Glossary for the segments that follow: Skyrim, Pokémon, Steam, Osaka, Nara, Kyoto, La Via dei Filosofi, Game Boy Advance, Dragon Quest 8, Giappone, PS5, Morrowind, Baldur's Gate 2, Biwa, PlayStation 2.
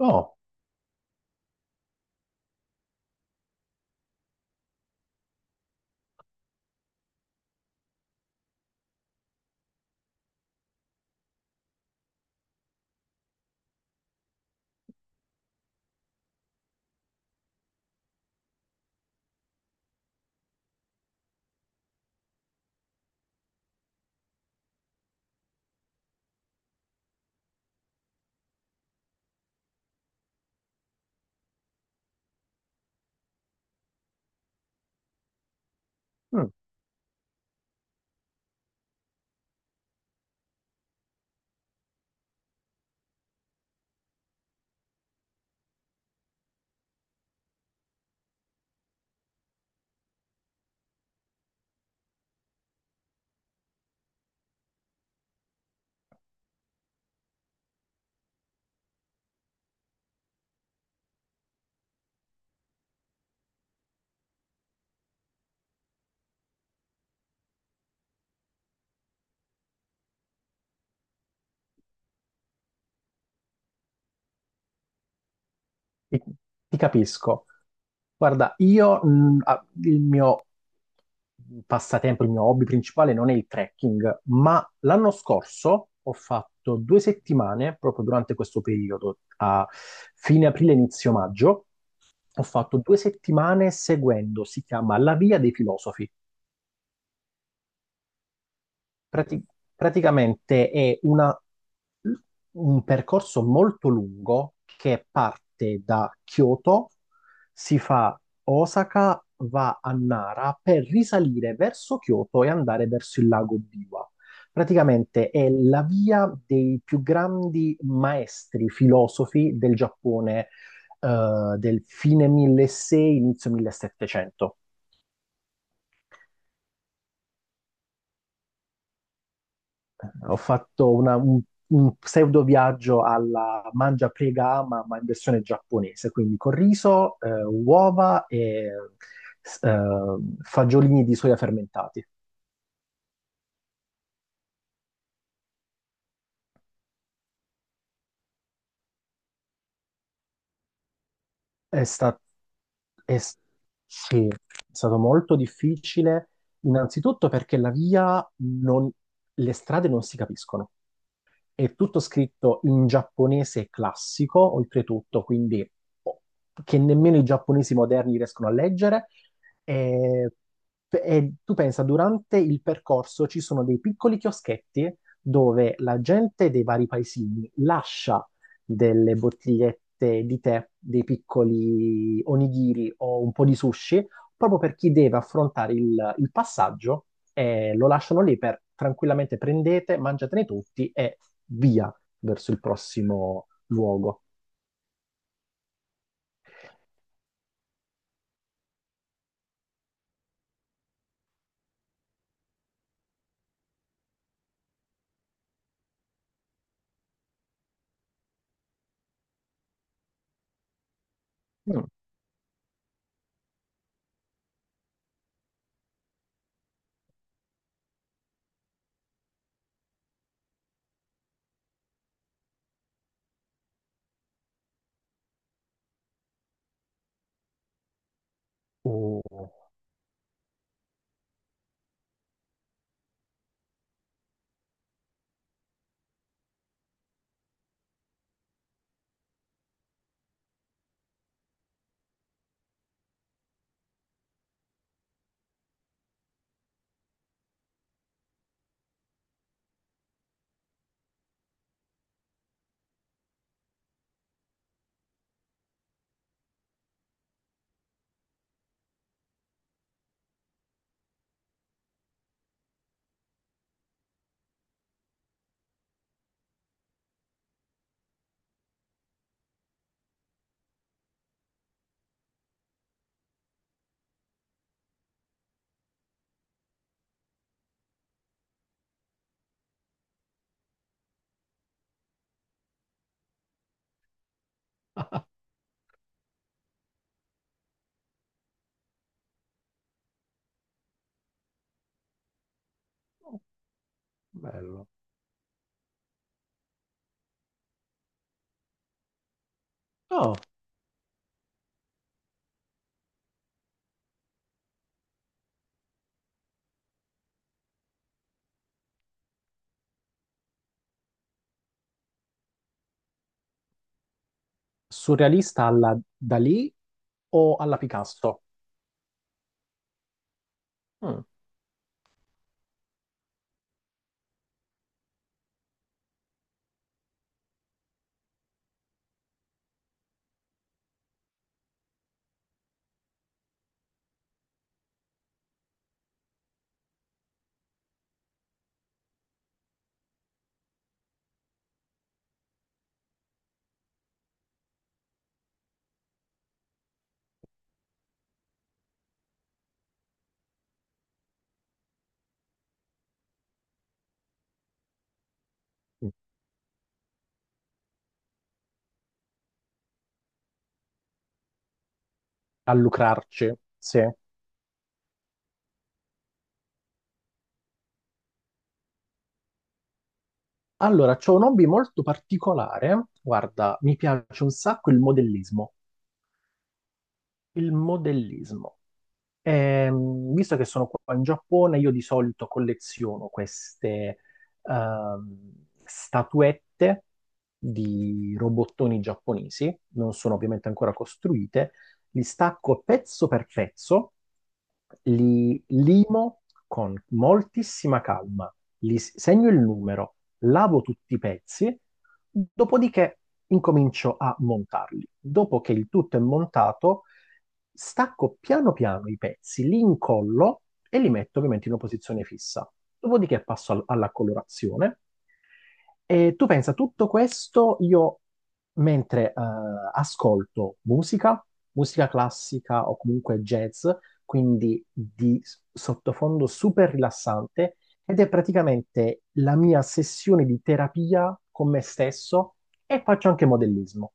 Oh, mm, ti, ti capisco. Guarda, io il mio passatempo, il mio hobby principale non è il trekking, ma l'anno scorso ho fatto due settimane, proprio durante questo periodo, a fine aprile, inizio maggio, ho fatto due settimane seguendo, si chiama La Via dei Filosofi. Prati- praticamente un percorso molto lungo che parte da Kyoto, si fa Osaka, va a Nara per risalire verso Kyoto e andare verso il lago Biwa. Praticamente è la via dei più grandi maestri filosofi del Giappone, del fine 1600, inizio 1700. Ho fatto una- un pseudo viaggio alla mangia, prega, ama, ma in versione giapponese, quindi con riso, uova e s- eh, fagiolini di soia fermentati. È stato, è, s- Sì, è stato molto difficile, innanzitutto perché la via non, le strade non si capiscono. È tutto scritto in giapponese classico, oltretutto, quindi oh, che nemmeno i giapponesi moderni riescono a leggere. E, e tu pensa, durante il percorso ci sono dei piccoli chioschetti dove la gente dei vari paesini lascia delle bottigliette di tè, dei piccoli onigiri o un po' di sushi proprio per chi deve affrontare il passaggio e lo lasciano lì per tranquillamente prendete, mangiatene tutti e via verso il prossimo luogo. Mm. Oh. Bello. Oh, surrealista alla Dalì o alla Picasso? Mm. A lucrarci, sì. Allora, c'ho un hobby molto particolare. Guarda, mi piace un sacco il modellismo. Il modellismo. Visto che sono qua in Giappone, io di solito colleziono queste ehm, statuette di robottoni giapponesi, non sono ovviamente ancora costruite, li stacco pezzo per pezzo, li limo con moltissima calma, segno il numero, lavo tutti i pezzi, dopodiché incomincio a montarli. Dopo che il tutto è montato, stacco piano piano i pezzi, li incollo e li metto ovviamente in una posizione fissa. Dopodiché passo alla colorazione e tu pensa, tutto questo io mentre ascolto musica, musica classica o comunque jazz, quindi di sottofondo super rilassante, ed è praticamente la mia sessione di terapia con me stesso e faccio anche modellismo.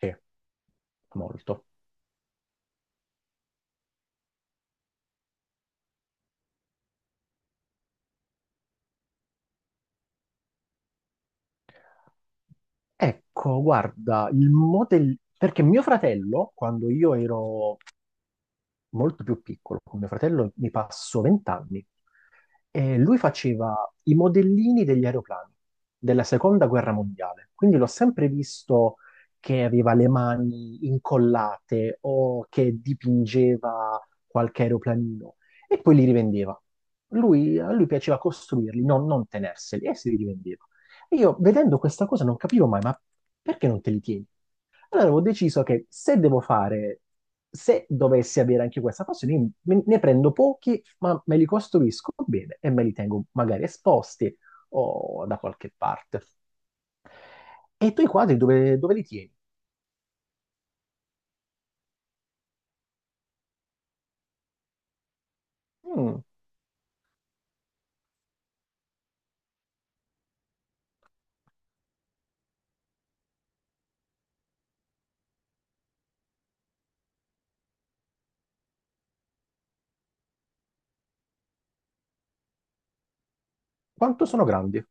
Sì, molto. Ecco, guarda, il modello, perché mio fratello, quando io ero molto più piccolo, con mio fratello mi passo 20 anni, e lui faceva i modellini degli aeroplani della seconda guerra mondiale, quindi l'ho sempre visto che aveva le mani incollate o che dipingeva qualche aeroplanino e poi li rivendeva. Lui, a lui piaceva costruirli, non tenerseli, e se li rivendeva. E io vedendo questa cosa non capivo mai, ma perché non te li tieni? Allora avevo deciso che se devo fare, se dovessi avere anche questa passione, ne prendo pochi, ma me li costruisco bene e me li tengo magari esposti o da qualche parte. E i tuoi quadri dove, dove li tieni? Mm, quanto sono grandi?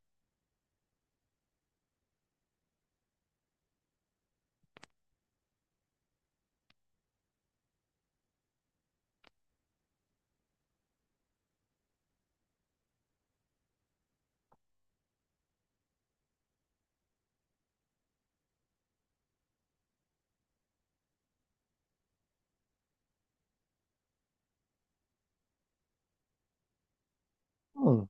Mm,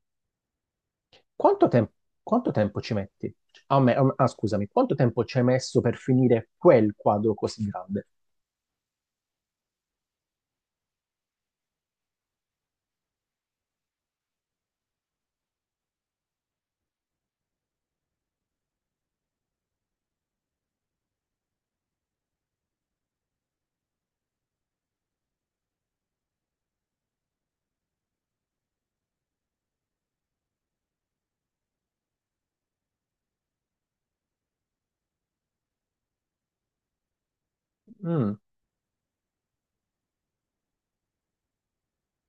quanto tem- quanto tempo ci metti? Ah, scusami, quanto tempo ci hai messo per finire quel quadro così grande? Mm,